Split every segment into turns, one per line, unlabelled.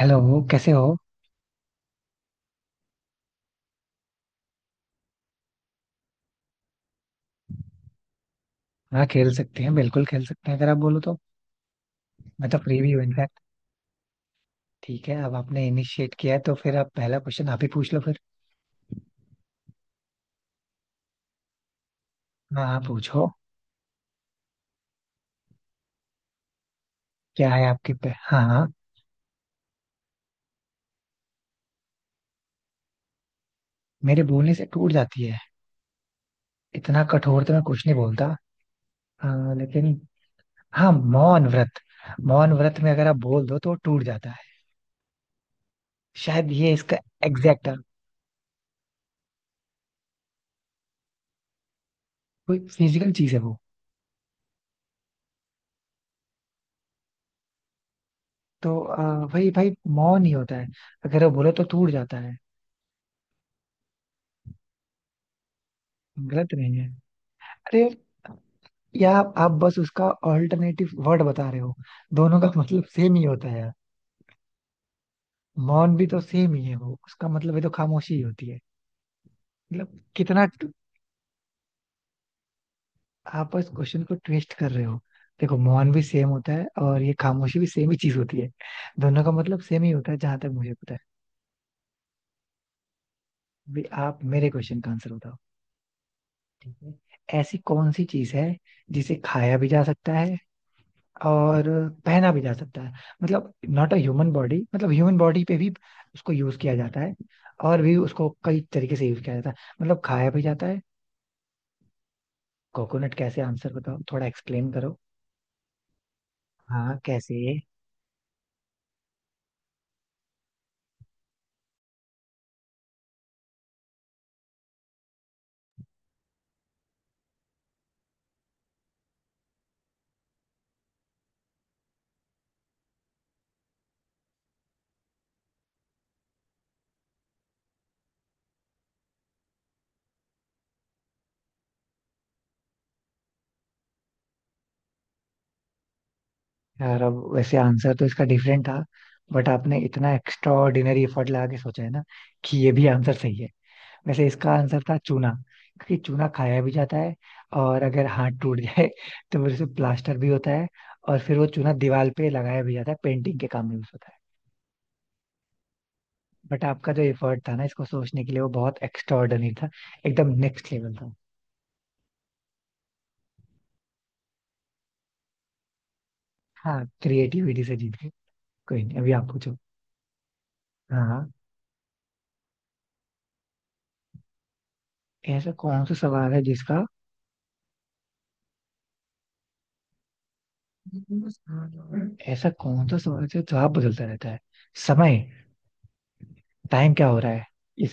Hello. कैसे हो? हाँ, खेल सकते हैं, बिल्कुल खेल सकते हैं, अगर आप बोलो तो। मैं तो फ्री भी हूँ इनफैक्ट। ठीक है, अब आपने इनिशिएट किया है तो फिर आप पहला क्वेश्चन आप ही पूछ लो फिर। हाँ हाँ, पूछो। क्या है आपके पे? हाँ हाँ। मेरे बोलने से टूट जाती है? इतना कठोर तो मैं कुछ नहीं बोलता। हाँ, लेकिन हाँ, मौन व्रत। मौन व्रत में अगर आप बोल दो तो वो टूट जाता है। शायद ये इसका एग्जैक्ट। कोई फिजिकल चीज है वो? तो वही भाई, मौन ही होता है। अगर वो बोलो तो टूट जाता है। गलत नहीं है। अरे, या आप बस उसका ऑल्टरनेटिव वर्ड बता रहे हो। दोनों का मतलब सेम ही होता है यार। मौन भी तो सेम ही है, वो उसका मतलब है तो खामोशी ही होती है। मतलब कितना आप इस क्वेश्चन को ट्विस्ट कर रहे हो। देखो, मौन भी सेम होता है और ये खामोशी भी सेम ही चीज होती है। दोनों का मतलब सेम ही होता है जहां तक मुझे पता है। अभी आप मेरे क्वेश्चन का आंसर बताओ। ठीक है, ऐसी कौन सी चीज है जिसे खाया भी जा सकता है और पहना भी जा सकता है। मतलब नॉट अ ह्यूमन बॉडी, मतलब ह्यूमन बॉडी पे भी उसको यूज किया जाता है और भी उसको कई तरीके से यूज किया जाता है। मतलब खाया भी जाता है। कोकोनट कैसे? आंसर बताओ, थोड़ा एक्सप्लेन करो। हाँ कैसे? यार अब वैसे आंसर तो इसका डिफरेंट था, बट आपने इतना एक्स्ट्रा ऑर्डिनरी एफर्ट लगा के सोचा है ना कि ये भी आंसर सही है। वैसे इसका आंसर था चूना। क्योंकि चूना खाया भी जाता है और अगर हाथ टूट जाए तो फिर उसे प्लास्टर भी होता है। और फिर वो चूना दीवार पे लगाया भी जाता है, पेंटिंग के काम में यूज होता है। बट आपका जो एफर्ट था ना इसको सोचने के लिए, वो बहुत एक्स्ट्राऑर्डिनरी था, एकदम नेक्स्ट लेवल था। हाँ, क्रिएटिविटी से जीत गए। कोई नहीं, अभी आप पूछो। हाँ हाँ। ऐसा कौन सा सवाल है जिसका? ऐसा कौन सा सवाल है जो जवाब बदलता रहता है? समय। टाइम क्या हो रहा है?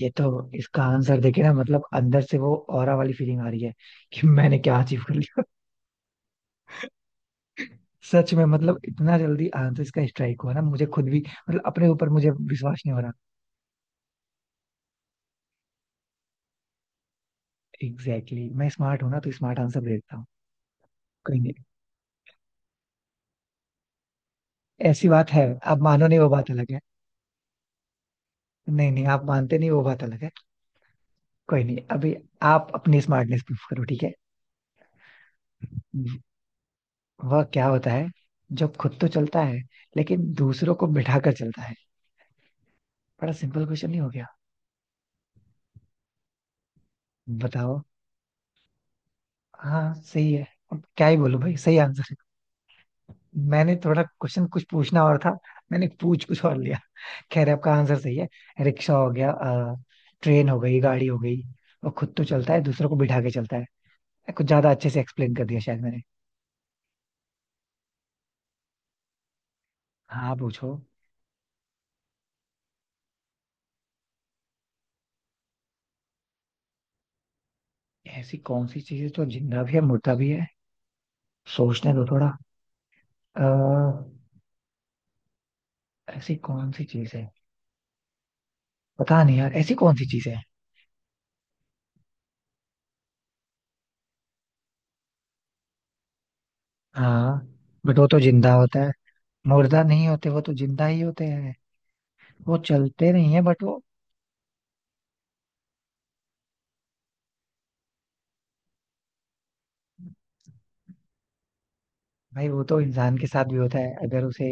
ये तो इसका आंसर देखे ना, मतलब अंदर से वो ऑरा वाली फीलिंग आ रही है कि मैंने क्या अचीव कर लिया। सच में, मतलब इतना जल्दी आंसर इसका स्ट्राइक हुआ ना मुझे खुद भी, मतलब अपने ऊपर मुझे विश्वास नहीं हो रहा। Exactly exactly. मैं स्मार्ट हूं ना तो स्मार्ट आंसर दे देता हूँ। कोई नहीं, ऐसी बात है, आप मानो नहीं, वो बात अलग है। नहीं नहीं, आप मानते नहीं, वो बात अलग है। कोई नहीं, अभी आप अपनी स्मार्टनेस प्रूफ करो, ठीक है। वह क्या होता है जब खुद तो चलता है लेकिन दूसरों को बिठा कर चलता है? बड़ा सिंपल क्वेश्चन नहीं हो गया? बताओ। हाँ सही है। अब क्या ही बोलूं भाई, सही आंसर है। मैंने थोड़ा क्वेश्चन कुछ पूछना और था, मैंने पूछ कुछ और लिया। खैर आपका आंसर सही है। रिक्शा हो गया, ट्रेन हो गई, गाड़ी हो गई। वो खुद तो चलता है, दूसरों को बिठा के चलता है। कुछ ज्यादा अच्छे से एक्सप्लेन कर दिया शायद मैंने। हाँ पूछो। ऐसी कौन सी चीज है जो जिंदा भी है, मुर्दा भी है? सोचने दो थोड़ा। अ, ऐसी कौन सी चीज है? पता नहीं यार, ऐसी कौन सी चीज है। हाँ, बट वो तो जिंदा होता है, मुर्दा नहीं होते, वो तो जिंदा ही होते हैं। वो चलते नहीं है बट वो। भाई वो तो इंसान के साथ भी होता है, अगर उसे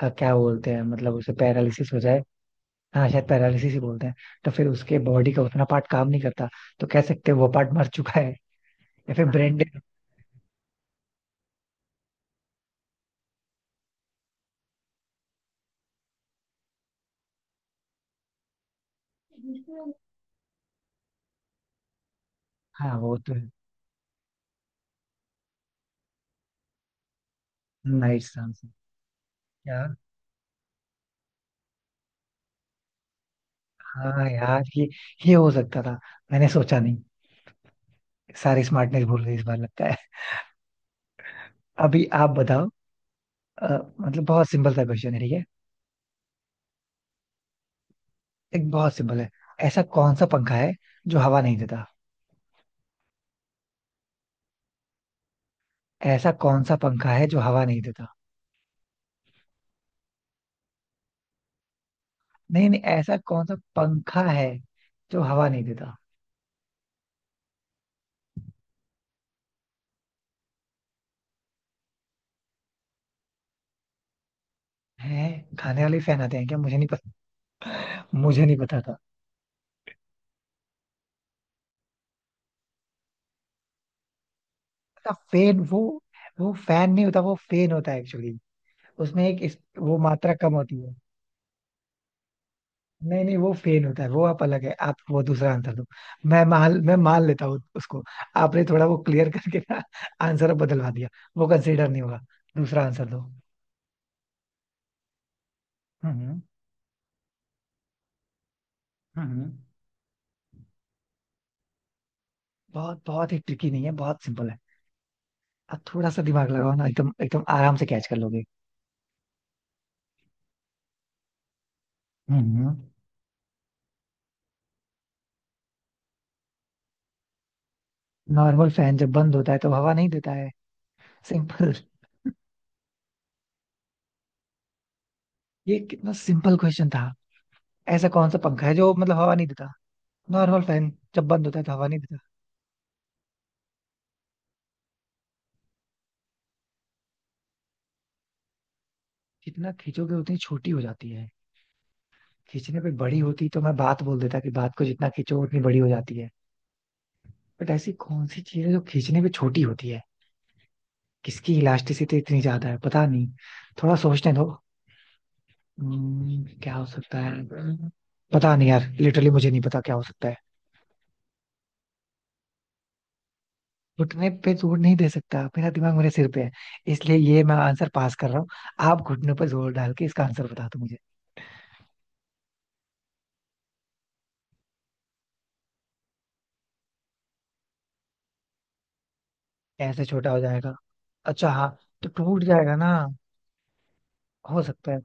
क्या बोलते हैं, मतलब उसे पैरालिसिस हो जाए। हाँ, शायद पैरालिसिस ही बोलते हैं। तो फिर उसके बॉडी का उतना पार्ट काम नहीं करता, तो कह सकते हैं वो पार्ट मर चुका है। या फिर ब्रेन डेड। हाँ वो तो है। नाइस आंसर यार। हाँ यार, ये हो सकता था, मैंने सोचा नहीं। सारी स्मार्टनेस भूल गई इस बार लगता है। अभी आप बताओ। अ, मतलब बहुत सिंपल सा क्वेश्चन है, ठीक है। एक बहुत सिंपल है। ऐसा कौन सा पंखा है जो हवा नहीं देता? ऐसा कौन सा पंखा है जो हवा नहीं देता? नहीं नहीं, ऐसा कौन सा पंखा है जो हवा नहीं देता? है? खाने वाले फैन आते हैं क्या, मुझे नहीं पता। मुझे नहीं पता था। अच्छा फैन वो। वो फैन नहीं होता, वो फेन होता है एक्चुअली। उसमें वो मात्रा कम होती है। नहीं नहीं, वो फेन होता है, वो आप अलग है, आप वो दूसरा आंसर दो। मैं मान लेता हूँ उसको। आपने थोड़ा वो क्लियर करके ना आंसर बदलवा दिया, वो कंसिडर नहीं होगा। दूसरा आंसर दो। हम्म हम्म हम्म। बहुत बहुत ही ट्रिकी नहीं है, बहुत सिंपल है। अब थोड़ा सा दिमाग लगाओ ना, एकदम एकदम आराम से कैच कर लोगे। हम्म नॉर्मल फैन जब बंद होता है तो हवा नहीं देता है, सिंपल। ये कितना सिंपल क्वेश्चन था। ऐसा कौन सा पंखा है जो मतलब हवा नहीं देता? नॉर्मल फैन जब बंद होता है तो हवा नहीं देता। जितना खींचोगे उतनी छोटी हो जाती है? खींचने पे बड़ी होती तो मैं बात बोल देता कि बात को जितना खींचो उतनी बड़ी हो जाती है। बट ऐसी कौन सी चीज है जो खींचने पे छोटी होती है? किसकी इलास्टिसिटी इतनी ज्यादा है, पता नहीं। थोड़ा सोचने दो। क्या हो सकता है? पता नहीं यार, लिटरली मुझे नहीं पता क्या हो सकता है। घुटने पे जोर नहीं दे सकता, मेरा दिमाग मेरे सिर पे है, इसलिए ये मैं आंसर पास कर रहा हूँ। आप घुटने पर जोर डाल के इसका आंसर बता दो मुझे। ऐसे छोटा हो जाएगा? अच्छा हाँ। तो टूट जाएगा ना? हो सकता है।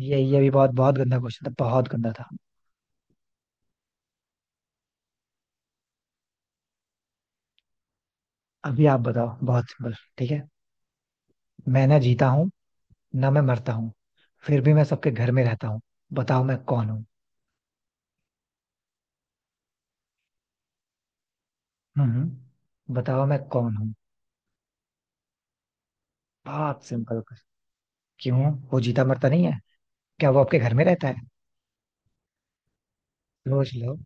ये भी बहुत बहुत गंदा क्वेश्चन था, बहुत गंदा था। अभी आप बताओ, बहुत सिंपल, ठीक है। मैं ना जीता हूँ ना मैं मरता हूँ, फिर भी मैं सबके घर में रहता हूँ। बताओ मैं कौन हूँ? हम्म, बताओ मैं कौन हूँ। बहुत सिंपल। क्यों? वो जीता मरता नहीं है? क्या वो आपके घर में रहता है? सोच लो।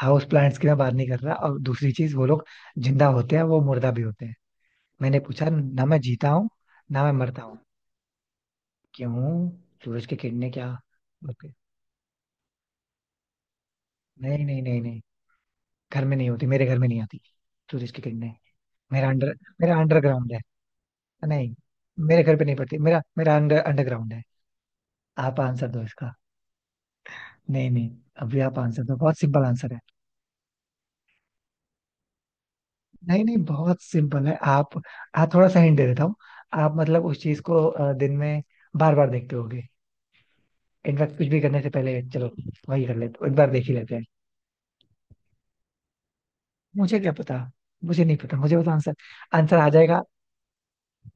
हाउस प्लांट्स की मैं बात नहीं कर रहा। और दूसरी चीज, वो लोग जिंदा होते हैं, वो मुर्दा भी होते हैं? मैंने पूछा ना मैं जीता हूँ ना मैं मरता हूँ। क्यों? सूरज की किरणें क्या? ओके। नहीं नहीं नहीं नहीं, घर में नहीं होती, मेरे घर में नहीं आती सूरज की किरणें। मेरा अंडर मेरा अंडरग्राउंड है। नहीं, मेरे घर पे नहीं पड़ती, मेरा मेरा अंडरग्राउंड है। आप आंसर दो इसका। नहीं नहीं, अभी आप आंसर दो, बहुत सिंपल आंसर है। नहीं नहीं, बहुत सिंपल है। आप थोड़ा सा हिंट दे देता हूँ। आप मतलब उस चीज को दिन में बार बार देखते होगे। इनफैक्ट कुछ भी करने से पहले चलो वही कर लेते, एक बार देख ही लेते हैं। मुझे क्या पता? मुझे नहीं पता, मुझे पता आंसर, आंसर आ जाएगा।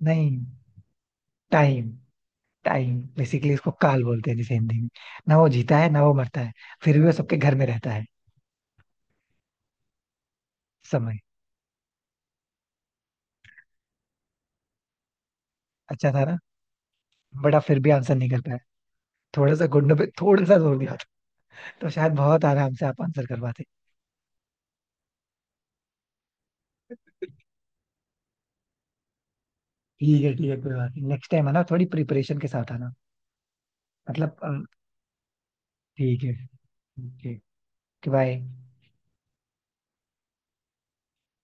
नहीं। टाइम। टाइम, बेसिकली इसको काल बोलते हैं जैसे हिंदी में। ना वो जीता है ना वो मरता है, फिर भी वो सबके घर में रहता है। समय। अच्छा था ना? बड़ा फिर भी आंसर नहीं कर पाया। थोड़ा सा घुटनों पे थोड़ा सा जोर दिया था तो शायद बहुत आराम से आप आंसर कर पाते। ठीक है ठीक है, कोई बात नहीं, नेक्स्ट टाइम आना थोड़ी प्रिपरेशन के साथ आना। मतलब ठीक है, ओके, बाय।